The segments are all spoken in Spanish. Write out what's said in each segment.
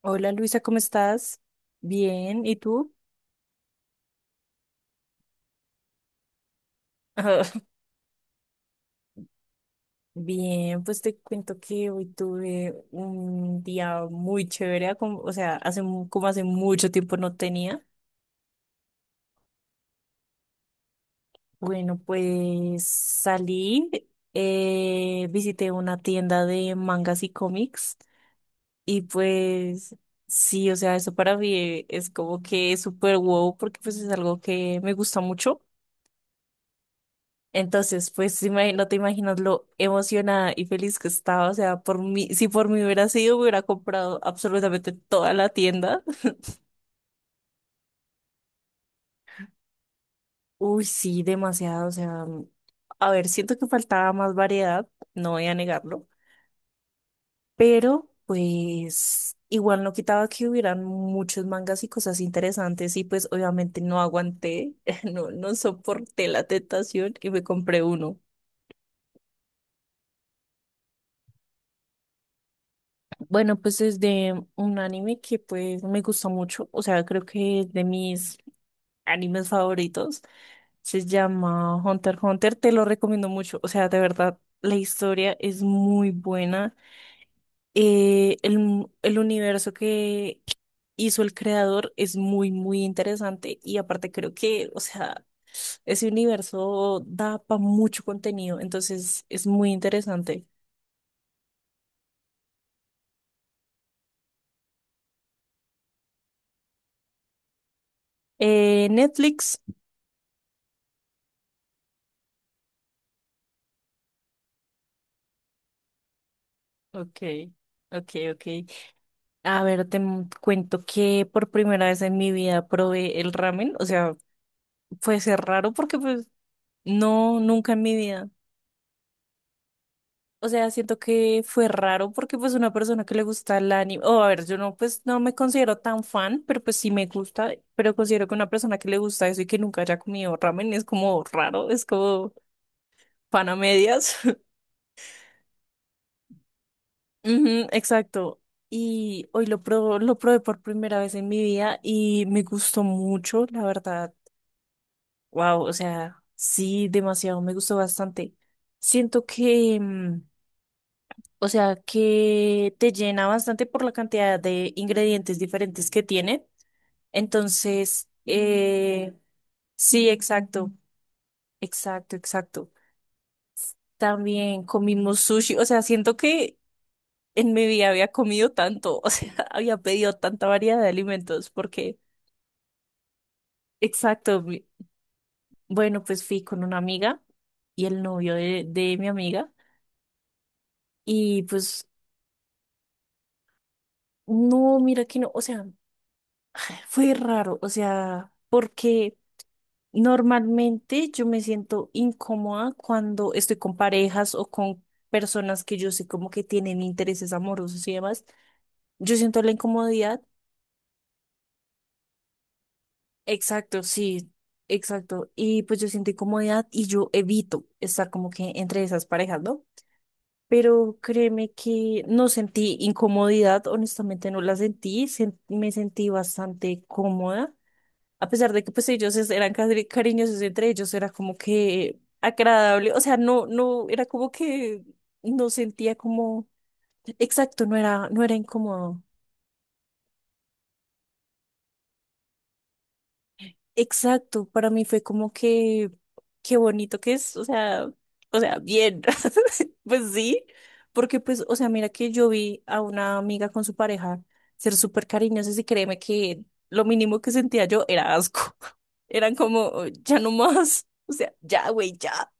Hola Luisa, ¿cómo estás? Bien, ¿y tú? Ah, Bien, pues te cuento que hoy tuve un día muy chévere, hace, como hace mucho tiempo no tenía. Bueno, pues salí, visité una tienda de mangas y cómics y pues sí, o sea, eso para mí es como que súper wow porque pues es algo que me gusta mucho. Entonces, pues no te imaginas lo emocionada y feliz que estaba. O sea, por mí, si por mí hubiera sido, me hubiera comprado absolutamente toda la tienda. Uy, sí, demasiado. O sea, a ver, siento que faltaba más variedad, no voy a negarlo, pero pues igual no quitaba que hubieran muchos mangas y cosas interesantes y pues obviamente no aguanté, no, no soporté la tentación y me compré uno. Bueno, pues es de un anime que pues me gusta mucho, o sea, creo que es de mis animes favoritos. Se llama Hunter x Hunter, te lo recomiendo mucho, o sea, de verdad, la historia es muy buena. El universo que hizo el creador es muy, muy interesante y aparte creo que, o sea, ese universo da para mucho contenido, entonces es muy interesante. Netflix. Ok, ok. A ver, cuento que por primera vez en mi vida probé el ramen. O sea, fue ser raro porque pues no, nunca en mi vida. O sea, siento que fue raro porque pues una persona que le gusta el anime, o a ver, yo no, pues no me considero tan fan, pero pues sí me gusta, pero considero que una persona que le gusta eso y que nunca haya comido ramen es como raro, es como pan a medias. Ujú, exacto. Y hoy lo probé por primera vez en mi vida y me gustó mucho, la verdad. Wow, o sea, sí, demasiado, me gustó bastante. Siento que, o sea, que te llena bastante por la cantidad de ingredientes diferentes que tiene. Entonces, sí, exacto, exacto. También comimos sushi, o sea, siento que en mi vida había comido tanto, o sea, había pedido tanta variedad de alimentos, porque, exacto, bueno, pues fui con una amiga y el novio de mi amiga. Y pues no, mira que no, o sea, fue raro, o sea, porque normalmente yo me siento incómoda cuando estoy con parejas o con personas que yo sé como que tienen intereses amorosos y demás. Yo siento la incomodidad, exacto, sí, exacto, y pues yo siento incomodidad y yo evito estar como que entre esas parejas, ¿no? Pero créeme que no sentí incomodidad, honestamente no la sentí, me sentí bastante cómoda. A pesar de que pues eran cariñosos entre ellos, era como que agradable, o sea, no, no, era como que no sentía como, exacto, no era, no era incómodo, exacto, para mí fue como que, qué bonito que es, o sea, bien, pues sí, porque pues, o sea, mira que yo vi a una amiga con su pareja ser súper cariñosos y créeme que lo mínimo que sentía yo era asco, eran como, ya no más. O sea, ya, güey, ya.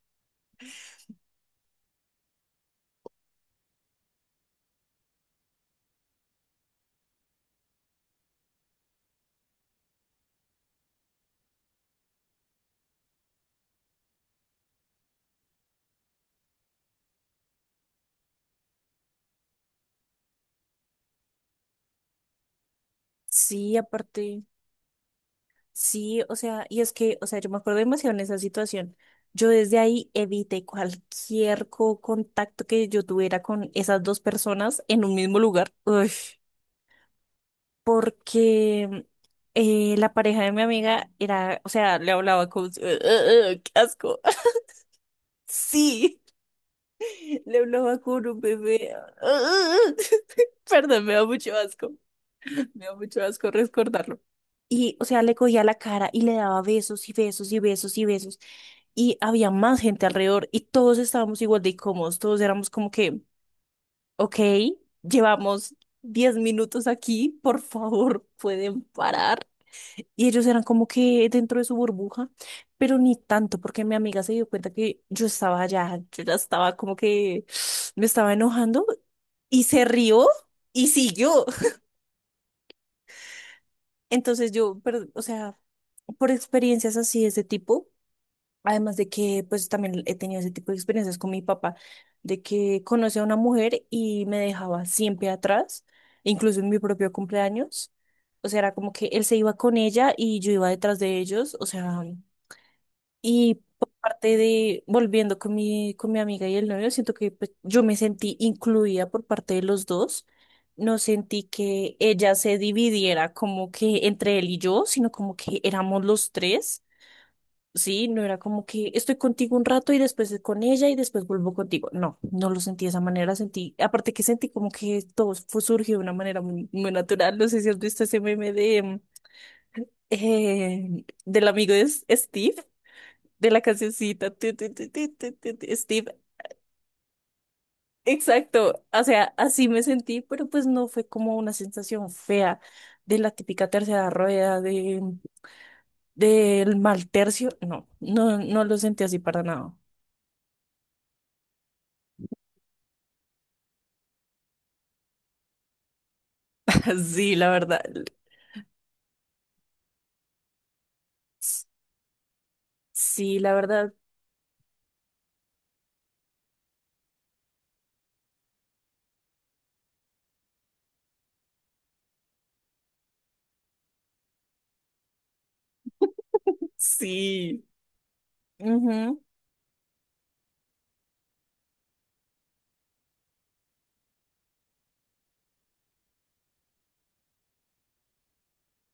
Sí, aparte, sí, o sea, y es que, o sea, yo me acuerdo demasiado en esa situación. Yo desde ahí evité cualquier contacto que yo tuviera con esas dos personas en un mismo lugar. Uy, porque la pareja de mi amiga era, o sea, le hablaba con... ¡Ugh! ¡Qué asco! Sí, le hablaba con un bebé. Perdón, me da mucho asco. Me da mucho asco recordarlo. Y, o sea, le cogía la cara y le daba besos y besos y besos y besos. Y había más gente alrededor y todos estábamos igual de incómodos. Todos éramos como que, ok, llevamos 10 minutos aquí, por favor, pueden parar. Y ellos eran como que dentro de su burbuja, pero ni tanto, porque mi amiga se dio cuenta que yo estaba allá, yo ya estaba como que me estaba enojando y se rió y siguió. Entonces yo, pero, o sea... por experiencias así de ese tipo, además de que pues también he tenido ese tipo de experiencias con mi papá, de que conocí a una mujer y me dejaba siempre atrás, incluso en mi propio cumpleaños. O sea, era como que él se iba con ella y yo iba detrás de ellos, o sea, y por parte de, volviendo con mi amiga y el novio, siento que pues, yo me sentí incluida por parte de los dos. No sentí que ella se dividiera como que entre él y yo, sino como que éramos los tres. Sí, no era como que estoy contigo un rato y después con ella y después vuelvo contigo. No, no lo sentí de esa manera, sentí, aparte que sentí como que todo fue surgió de una manera muy, muy natural. No sé si has visto ese meme de del amigo de Steve, de la cancioncita. Tu, Steve, exacto. O sea, así me sentí, pero pues no fue como una sensación fea de la típica tercera rueda, de del mal tercio. No, no, no lo sentí así para nada. Sí, la verdad. Sí, la verdad, sí. Ujú.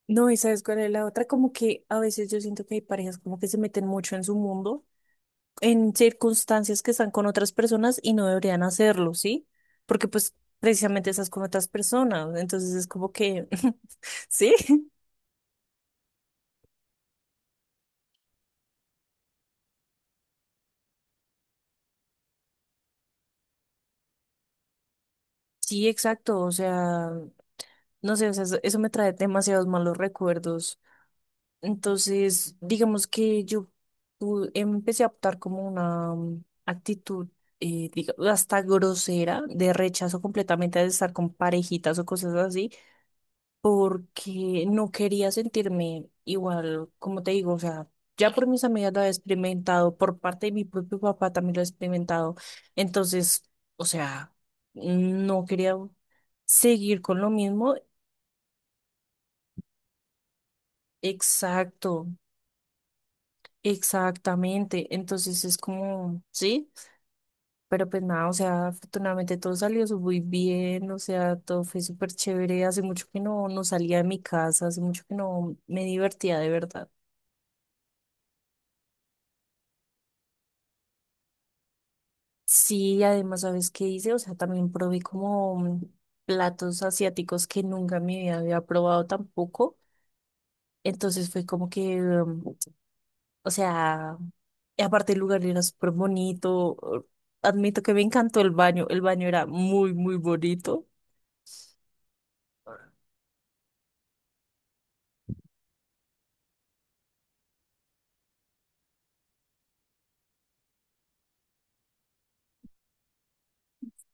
No, y sabes cuál es la otra, como que a veces yo siento que hay parejas como que se meten mucho en su mundo, en circunstancias que están con otras personas y no deberían hacerlo, ¿sí? Porque pues precisamente estás con otras personas, entonces es como que, ¿sí? Sí, exacto, o sea, no sé, o sea, eso me trae demasiados malos recuerdos. Entonces, digamos que yo empecé a optar como una actitud, digamos, hasta grosera, de rechazo completamente de estar con parejitas o cosas así, porque no quería sentirme igual, como te digo, o sea, ya por mis amigas lo he experimentado, por parte de mi propio papá también lo he experimentado, entonces, o sea, no quería seguir con lo mismo, exacto. Exactamente, entonces es como, sí, pero pues nada, o sea, afortunadamente todo salió muy bien, o sea, todo fue súper chévere, hace mucho que no, no salía de mi casa, hace mucho que no me divertía de verdad. Sí, además, ¿sabes qué hice? O sea, también probé como platos asiáticos que nunca en mi vida había probado tampoco, entonces fue como que, o sea, y aparte el lugar era súper bonito, admito que me encantó el baño era muy, muy bonito.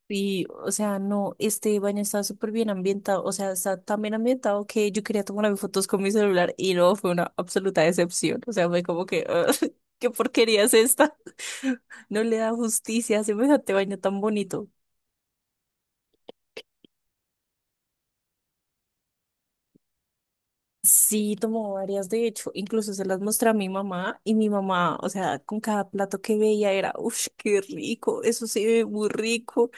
Y, o sea, no, este baño estaba súper bien ambientado, o sea, está tan bien ambientado que yo quería tomarme fotos con mi celular y no, fue una absoluta decepción. O sea, fue como que, "Ah, ¿qué porquería es esta? No le da justicia a semejante baño tan bonito. Sí, tomó varias, de hecho, incluso se las mostré a mi mamá y mi mamá, o sea, con cada plato que veía era, uff, qué rico, eso se ve muy rico.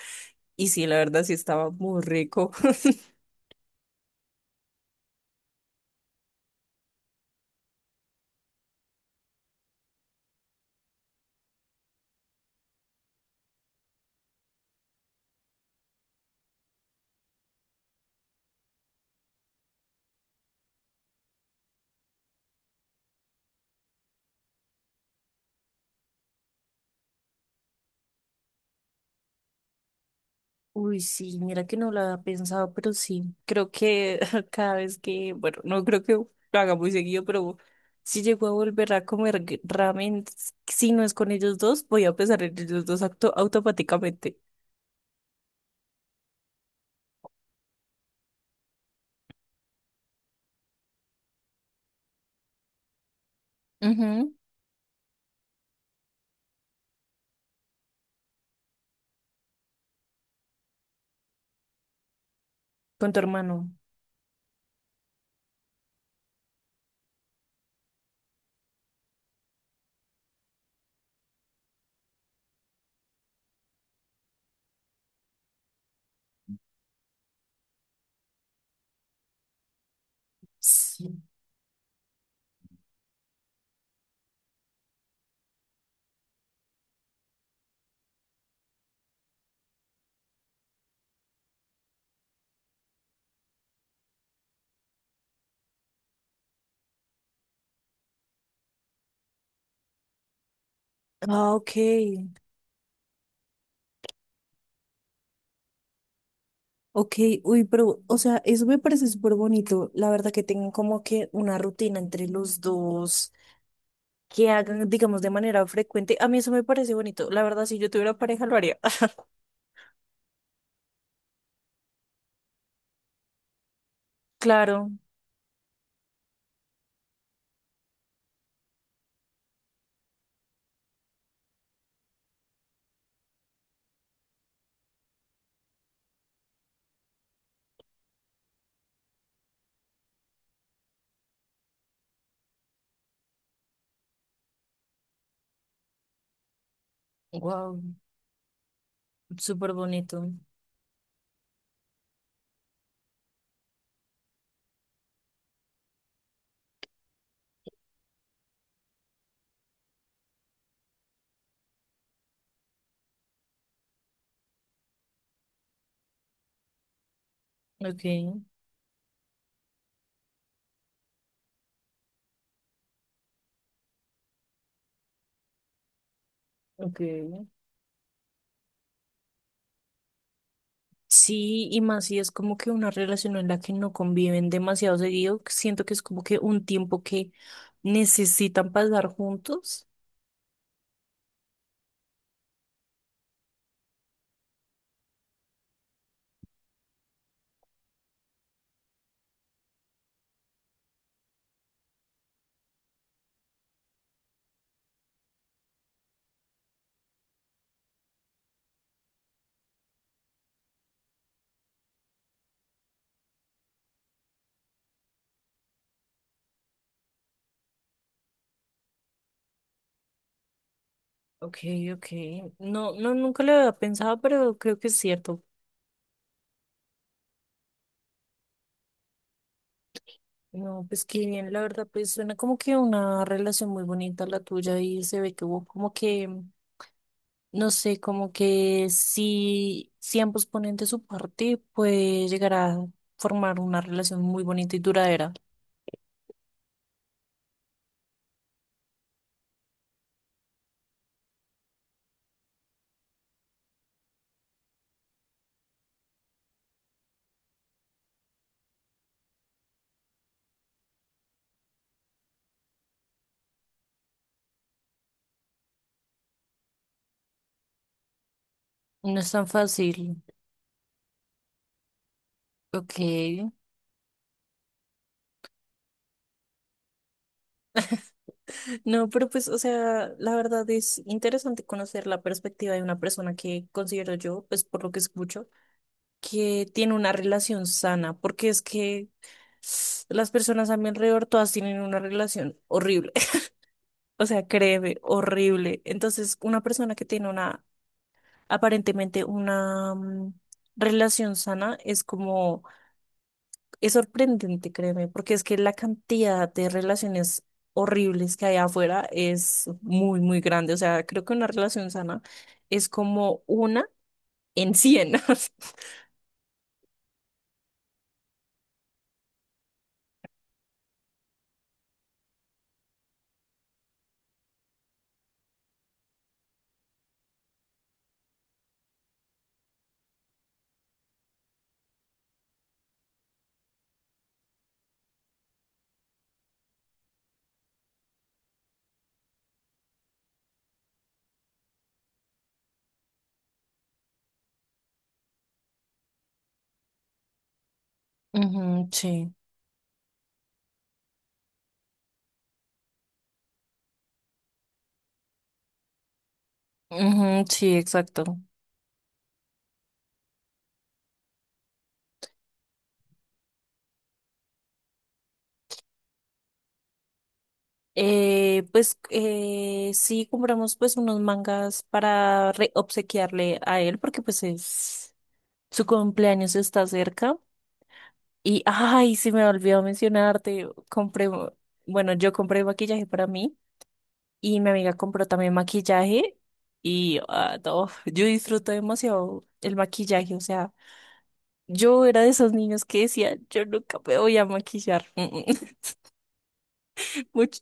Y sí, la verdad sí estaba muy rico. Uy, sí, mira que no lo había pensado, pero sí, creo que cada vez que, bueno, no creo que lo haga muy seguido, pero si llego a volver a comer ramen, si no es con ellos dos, voy a pensar en ellos dos automáticamente. Ujú, con tu hermano. Sí. Ah, ok, uy, pero, o sea, eso me parece súper bonito, la verdad que tengan como que una rutina entre los dos, que hagan, digamos, de manera frecuente, a mí eso me parece bonito, la verdad, si yo tuviera pareja lo haría, claro. Wow, súper bonito. Okay, okay. Sí, y más si es como que una relación en la que no conviven demasiado seguido, que siento que es como que un tiempo que necesitan pasar juntos. Okay, okay. No, no, nunca lo había pensado, pero creo que es cierto. No, pues qué bien, la verdad, pues suena como que una relación muy bonita la tuya y se ve que hubo como que no sé, como que si, si ambos ponen de su parte, puede llegar a formar una relación muy bonita y duradera. No es tan fácil. Ok. No, pero pues, o sea, la verdad es interesante conocer la perspectiva de una persona que considero yo, pues por lo que escucho, que tiene una relación sana, porque es que las personas a mi alrededor todas tienen una relación horrible, o sea, créeme, horrible. Entonces, una persona que tiene una, aparentemente una relación sana es como, es sorprendente, créeme, porque es que la cantidad de relaciones horribles que hay afuera es muy, muy grande. O sea, creo que una relación sana es como una en 100. Ujú, sí. Ujú, sí, exacto. Pues sí compramos pues unos mangas para obsequiarle a él porque pues es su cumpleaños está cerca y ay se me olvidó mencionarte compré bueno yo compré maquillaje para mí y mi amiga compró también maquillaje y ah, no, yo disfruto demasiado el maquillaje o sea yo era de esos niños que decía yo nunca me voy a maquillar. Mucho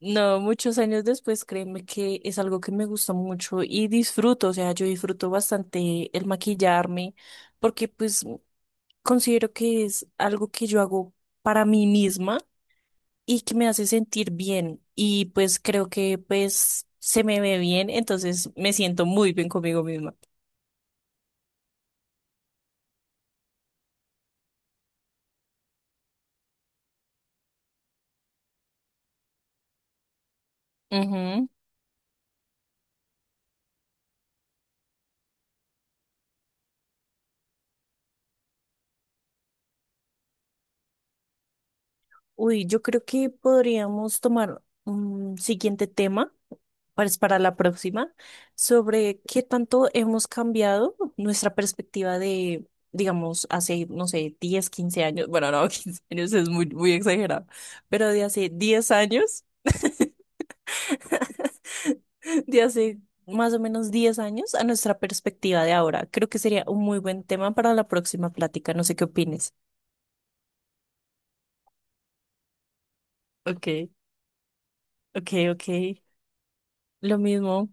no, muchos años después, créeme que es algo que me gusta mucho y disfruto, o sea, yo disfruto bastante el maquillarme porque pues considero que es algo que yo hago para mí misma y que me hace sentir bien y pues creo que pues se me ve bien, entonces me siento muy bien conmigo misma. Uy, yo creo que podríamos tomar un siguiente tema para la próxima sobre qué tanto hemos cambiado nuestra perspectiva de, digamos, hace, no sé, 10, 15 años. Bueno, no, 15 años es muy, muy exagerado, pero de hace 10 años, de hace más o menos 10 años a nuestra perspectiva de ahora. Creo que sería un muy buen tema para la próxima plática. No sé qué opines. Ok, ok. Lo mismo.